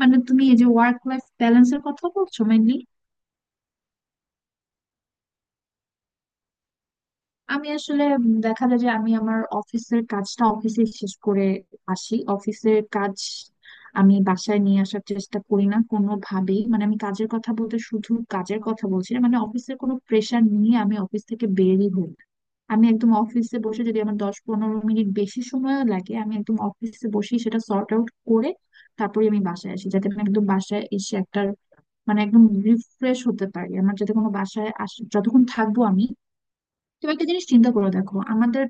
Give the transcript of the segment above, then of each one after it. মানে তুমি এই যে ওয়ার্ক লাইফ ব্যালেন্সের কথা বলছো মেনলি। আমি আসলে দেখা যায় যে আমি আমার অফিসের কাজটা অফিসে শেষ করে আসি। অফিসের কাজ আমি বাসায় নিয়ে আসার চেষ্টা করি না কোনোভাবেই। মানে আমি কাজের কথা বলতে শুধু কাজের কথা বলছি না, মানে অফিসের কোনো প্রেশার নিয়ে আমি অফিস থেকে বেরই হই না। আমি একদম অফিসে বসে যদি আমার 10-15 মিনিট বেশি সময় লাগে আমি একদম অফিসে বসেই সেটা সর্ট আউট করে তারপরে আমি বাসায় আসি, যাতে আমি একদম বাসায় এসে একটা একদম রিফ্রেশ হতে পারি। আমার যাতে কোনো বাসায় আস যতক্ষণ থাকবো আমি তুমি একটা জিনিস চিন্তা করে দেখো আমাদের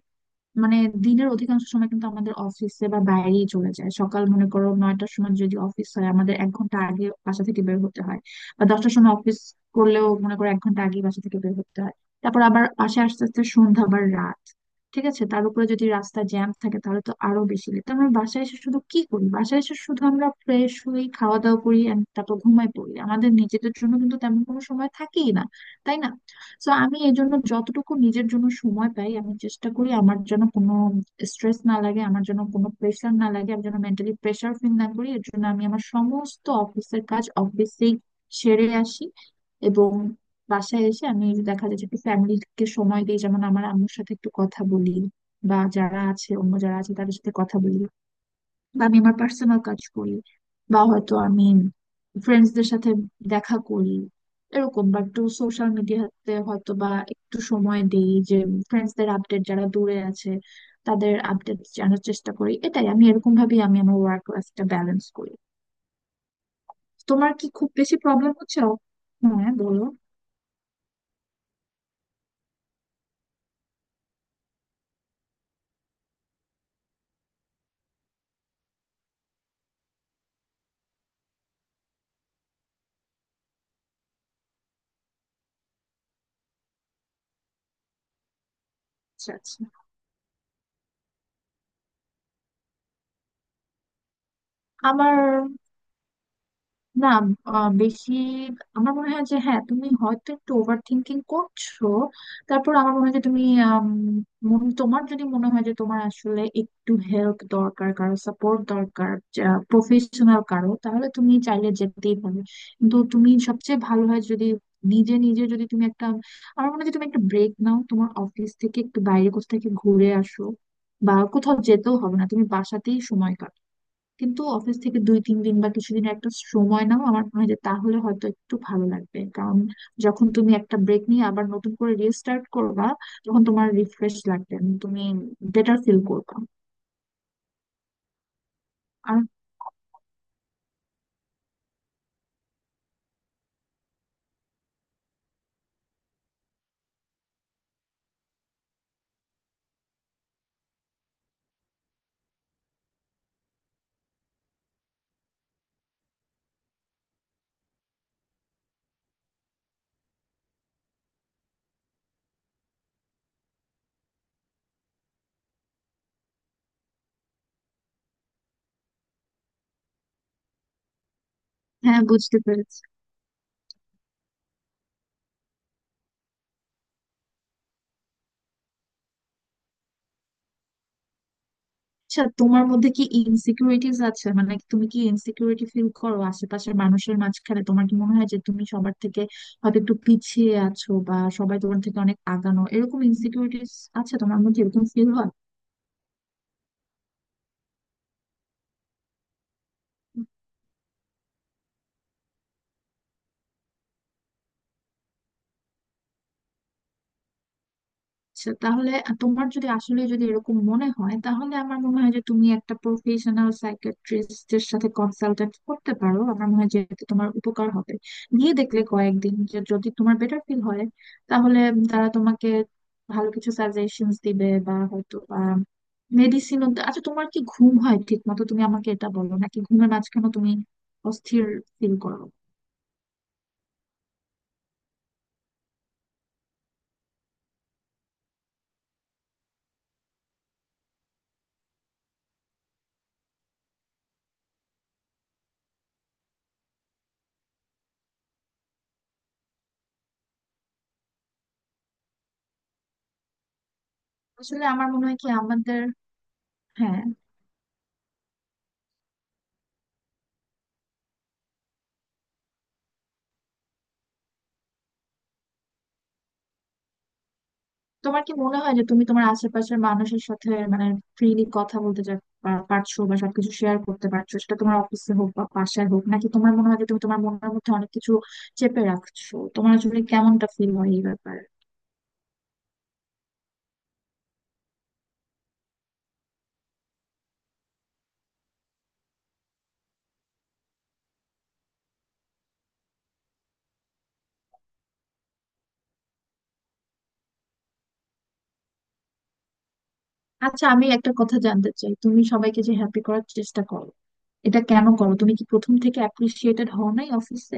মানে দিনের অধিকাংশ সময় কিন্তু আমাদের অফিসে বা বাইরেই চলে যায়। সকাল মনে করো 9টার সময় যদি অফিস হয় আমাদের 1 ঘন্টা আগে বাসা থেকে বের হতে হয়, বা 10টার সময় অফিস করলেও মনে করো 1 ঘন্টা আগে বাসা থেকে বের হতে হয়। তারপর আবার বাসায় আস্তে আস্তে সন্ধ্যা আবার রাত, ঠিক আছে? তার উপরে যদি রাস্তা জ্যাম থাকে তাহলে তো আরো বেশি লেট। তো আমরা বাসায় এসে শুধু কি করি, বাসায় এসে শুধু আমরা ফ্রেশ হই, খাওয়া দাওয়া করি and তারপর ঘুমায় পড়ি। আমাদের নিজেদের জন্য কিন্তু তেমন কোনো সময় থাকেই না, তাই না? সো আমি এই জন্য যতটুকু নিজের জন্য সময় পাই আমি চেষ্টা করি আমার যেন কোনো স্ট্রেস না লাগে, আমার যেন কোনো প্রেশার না লাগে, আমি যেন মেন্টালি প্রেশার ফিল না করি। এর জন্য আমি আমার সমস্ত অফিসের কাজ অফিসেই সেরে আসি, এবং বাসায় এসে আমি দেখা যায় যে একটু ফ্যামিলিকে সময় দিই, যেমন আমার আম্মুর সাথে একটু কথা বলি, বা যারা আছে অন্য যারা আছে তাদের সাথে কথা বলি, বা আমি আমার পার্সোনাল কাজ করি, বা হয়তো আমি ফ্রেন্ডসদের সাথে দেখা করি এরকম, বা একটু সোশ্যাল মিডিয়াতে হয়তো বা একটু সময় দেই যে ফ্রেন্ডসদের আপডেট, যারা দূরে আছে তাদের আপডেট জানার চেষ্টা করি। এটাই, আমি এরকম ভাবেই আমি আমার ওয়ার্ক লাইফটা ব্যালেন্স করি। তোমার কি খুব বেশি প্রবলেম হচ্ছে? হ্যাঁ বলো। আচ্ছা, আচ্ছা। আমার না বেশি আমার মনে হয় যে হ্যাঁ তুমি হয়তো একটু ওভার থিঙ্কিং করছো। তারপর আমার মনে হয় যে তুমি আম, তোমার যদি মনে হয় যে তোমার আসলে একটু হেল্প দরকার, কারো সাপোর্ট দরকার, প্রফেশনাল কারো, তাহলে তুমি চাইলে যেতেই পারো। কিন্তু তুমি সবচেয়ে ভালো হয় যদি নিজে নিজে যদি তুমি একটা আমার মনে হয় যে তুমি একটা ব্রেক নাও, তোমার অফিস থেকে একটু বাইরে কোথাও থেকে ঘুরে আসো, বা কোথাও যেতেও হবে না, তুমি বাসাতেই সময় কাটাও, কিন্তু অফিস থেকে 2-3 দিন বা কিছুদিন একটা সময় নাও। আমার মনে হয় যে তাহলে হয়তো একটু ভালো লাগবে, কারণ যখন তুমি একটা ব্রেক নিয়ে আবার নতুন করে রিস্টার্ট করবা তখন তোমার রিফ্রেশ লাগবে এবং তুমি বেটার ফিল করবা। আর হ্যাঁ, বুঝতে পেরেছি। আচ্ছা তোমার মধ্যে কি ইনসিকিউরিটিজ আছে? মানে তুমি কি ইনসিকিউরিটি ফিল করো আশেপাশের মানুষের মাঝখানে? তোমার কি মনে হয় যে তুমি সবার থেকে হয়তো একটু পিছিয়ে আছো, বা সবাই তোমার থেকে অনেক আগানো, এরকম ইনসিকিউরিটিজ আছে তোমার মধ্যে, এরকম ফিল হয়? আচ্ছা তাহলে তোমার যদি আসলে যদি এরকম মনে হয় তাহলে আমার মনে হয় যে তুমি একটা প্রফেশনাল সাইকিয়াট্রিস্টের সাথে কনসালটেন্ট করতে পারো। আমার মনে হয় যে এতে তোমার উপকার হবে। গিয়ে দেখলে কয়েকদিন, যে যদি তোমার বেটার ফিল হয় তাহলে তারা তোমাকে ভালো কিছু সাজেশনস দিবে বা হয়তো বা মেডিসিনও। আচ্ছা তোমার কি ঘুম হয় ঠিক মতো, তুমি আমাকে এটা বলো, নাকি ঘুমের মাঝখানে তুমি অস্থির ফিল করো? আসলে আমার মনে হয় কি আমাদের হ্যাঁ তোমার কি মনে হয় যে তুমি তোমার আশেপাশের মানুষের সাথে ফ্রিলি কথা বলতে পারছো, বা সবকিছু শেয়ার করতে পারছো, সেটা তোমার অফিসে হোক বা বাসায় হোক, নাকি তোমার মনে হয় যে তুমি তোমার মনের মধ্যে অনেক কিছু চেপে রাখছো? তোমার আসলে কেমনটা ফিল হয় এই ব্যাপারে? আচ্ছা আমি একটা কথা জানতে চাই, তুমি সবাইকে যে হ্যাপি করার চেষ্টা করো, এটা কেন করো? তুমি কি প্রথম থেকে অ্যাপ্রিসিয়েটেড হও নাই অফিসে,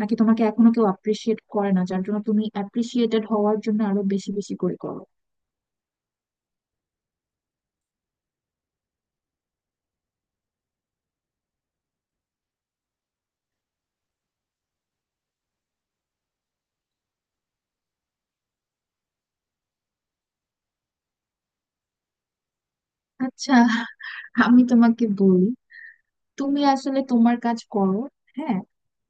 নাকি তোমাকে এখনো কেউ অ্যাপ্রিসিয়েট করে না, যার জন্য তুমি অ্যাপ্রিসিয়েটেড হওয়ার জন্য আরো বেশি বেশি করে করো? আচ্ছা, আমি তোমাকে বলি, তুমি আসলে তোমার কাজ করো। হ্যাঁ,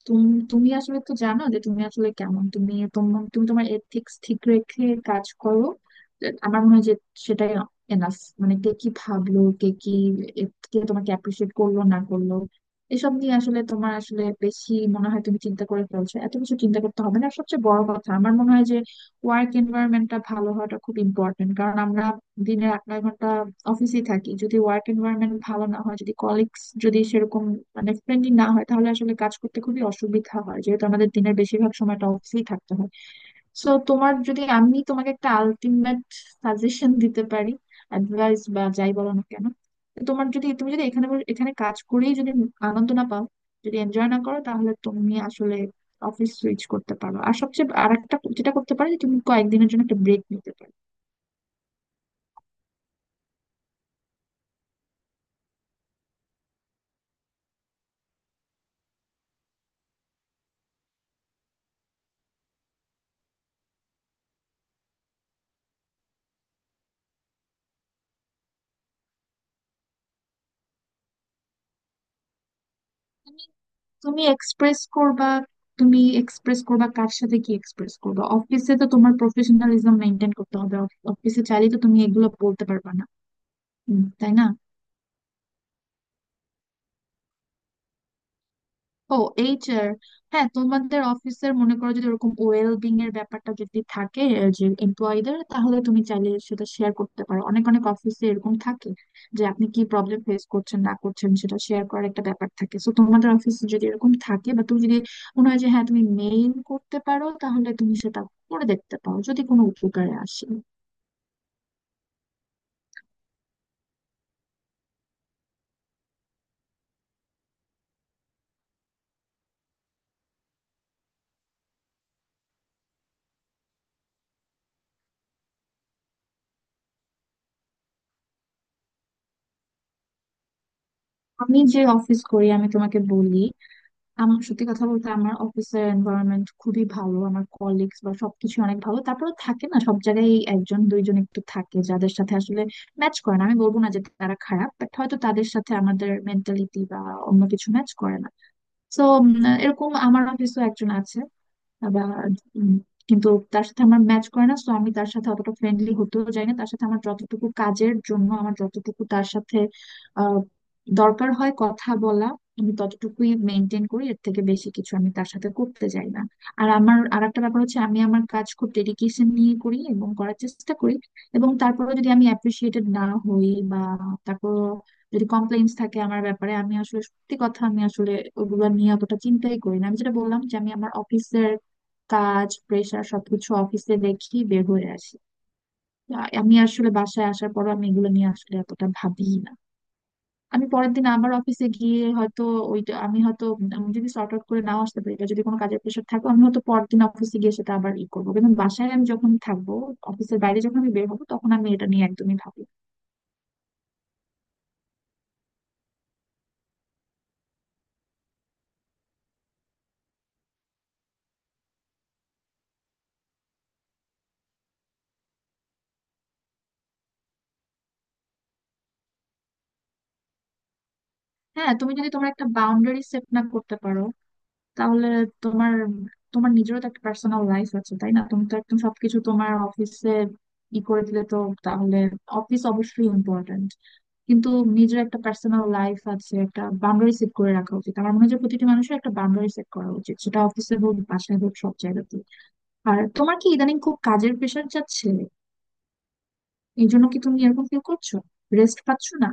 তুমি তুমি আসলে তো জানো যে তুমি আসলে কেমন। তুমি তোমার এথিক্স ঠিক রেখে কাজ করো, আমার মনে হয় যে সেটাই এনাফ। মানে কে কি ভাবলো, এ- কে তোমাকে অ্যাপ্রিসিয়েট করলো না করলো, এসব নিয়ে আসলে তোমার আসলে বেশি মনে হয় তুমি চিন্তা করে ফেলছো। এত কিছু চিন্তা করতে হবে না। আর সবচেয়ে বড় কথা আমার মনে হয় যে ওয়ার্ক এনভায়রনমেন্টটা ভালো হওয়াটা খুব ইম্পর্টেন্ট, কারণ আমরা দিনে 8-9 ঘন্টা অফিসেই থাকি। যদি ওয়ার্ক এনভায়রনমেন্ট ভালো না হয়, যদি কলিগস যদি সেরকম মানে ফ্রেন্ডলি না হয় তাহলে আসলে কাজ করতে খুবই অসুবিধা হয়, যেহেতু আমাদের দিনের বেশিরভাগ সময়টা অফিসেই থাকতে হয়। সো তোমার যদি আমি তোমাকে একটা আলটিমেট সাজেশন দিতে পারি, অ্যাডভাইস বা যাই বলো না কেন, তো তোমার যদি তুমি যদি এখানে কাজ করেই যদি আনন্দ না পাও, যদি এনজয় না করো, তাহলে তুমি আসলে অফিস সুইচ করতে পারো। আর সবচেয়ে আর একটা যেটা করতে পারো যে তুমি কয়েকদিনের জন্য একটা ব্রেক নিতে পারো। তুমি এক্সপ্রেস করবা তুমি এক্সপ্রেস করবা কার সাথে, কি এক্সপ্রেস করবা? অফিসে তো তোমার প্রফেশনালিজম মেনটেন করতে হবে, অফিসে চাইলে তো তুমি এগুলো বলতে পারবা না, তাই না? ও এইচআর, হ্যাঁ, তোমাদের অফিসের মনে করো যদি ওরকম ওয়েলবিং এর ব্যাপারটা যদি থাকে, যে এমপ্লয়ীদের, তাহলে তুমি চাইলে সেটা শেয়ার করতে পারো। অনেক অনেক অফিসে এরকম থাকে যে আপনি কি প্রবলেম ফেস করছেন না করছেন সেটা শেয়ার করার একটা ব্যাপার থাকে। সো তোমাদের অফিসে যদি এরকম থাকে বা তুমি যদি মনে হয় যে হ্যাঁ তুমি মেইল করতে পারো, তাহলে তুমি সেটা করে দেখতে পারো যদি কোনো উপকারে আসে। আমি যে অফিস করি আমি তোমাকে বলি, আমার সত্যি কথা বলতে আমার অফিসের এনভায়রনমেন্ট খুবই ভালো, আমার কলিগস বা সবকিছু অনেক ভালো। তারপরে থাকে না সব জায়গায় একজন দুইজন একটু থাকে যাদের সাথে আসলে ম্যাচ করে না, আমি বলবো না যে তারা খারাপ, বাট হয়তো তাদের সাথে আমাদের মেন্টালিটি বা অন্য কিছু ম্যাচ করে না। তো এরকম আমার অফিসও একজন আছে আবার, উম, কিন্তু তার সাথে আমার ম্যাচ করে না, তো আমি তার সাথে অতটা ফ্রেন্ডলি হতেও চাই না। তার সাথে আমার যতটুকু কাজের জন্য আমার যতটুকু তার সাথে আহ, দরকার হয় কথা বলা আমি ততটুকুই মেনটেন করি, এর থেকে বেশি কিছু আমি তার সাথে করতে চাই না। আর আমার আরেকটা ব্যাপার হচ্ছে আমি আমার কাজ খুব ডেডিকেশন নিয়ে করি এবং করার চেষ্টা করি, এবং তারপরে যদি আমি অ্যাপ্রিসিয়েটেড না হই, বা তারপর যদি কমপ্লেইন্স থাকে আমার ব্যাপারে, আমি আসলে সত্যি কথা আমি আসলে ওগুলো নিয়ে অতটা চিন্তাই করি না। আমি যেটা বললাম যে আমি আমার অফিসের কাজ প্রেশার সবকিছু অফিসে দেখি বের হয়ে আসি। আমি আসলে বাসায় আসার পর আমি এগুলো নিয়ে আসলে এতটা ভাবি না। আমি পরের দিন আবার অফিসে গিয়ে হয়তো ওইটা আমি হয়তো আমি যদি সর্ট আউট করে নাও আসতে পারি, বা যদি কোনো কাজের প্রেশার থাকে আমি হয়তো পরের দিন অফিসে গিয়ে সেটা আবার ই করবো। কিন্তু বাসায় আমি যখন থাকবো, অফিসের বাইরে যখন আমি বের হবো, তখন আমি এটা নিয়ে একদমই ভাবি না। হ্যাঁ তুমি যদি তোমার একটা বাউন্ডারি সেট না করতে পারো তাহলে তোমার তোমার নিজেরও তো একটা পার্সোনাল লাইফ আছে, তাই না? তুমি তো একদম সবকিছু তোমার অফিসে ই করে দিলে তো, তাহলে অফিস অবশ্যই ইম্পর্ট্যান্ট, কিন্তু নিজের একটা পার্সোনাল লাইফ আছে, একটা বাউন্ডারি সেট করে রাখা উচিত। আমার মনে হয় যে প্রতিটি মানুষের একটা বাউন্ডারি সেট করা উচিত, সেটা অফিসে হোক বাসায় হোক সব জায়গাতে। আর তোমার কি ইদানিং খুব কাজের প্রেশার যাচ্ছে? এই জন্য কি তুমি এরকম ফিল করছো, রেস্ট পাচ্ছ না?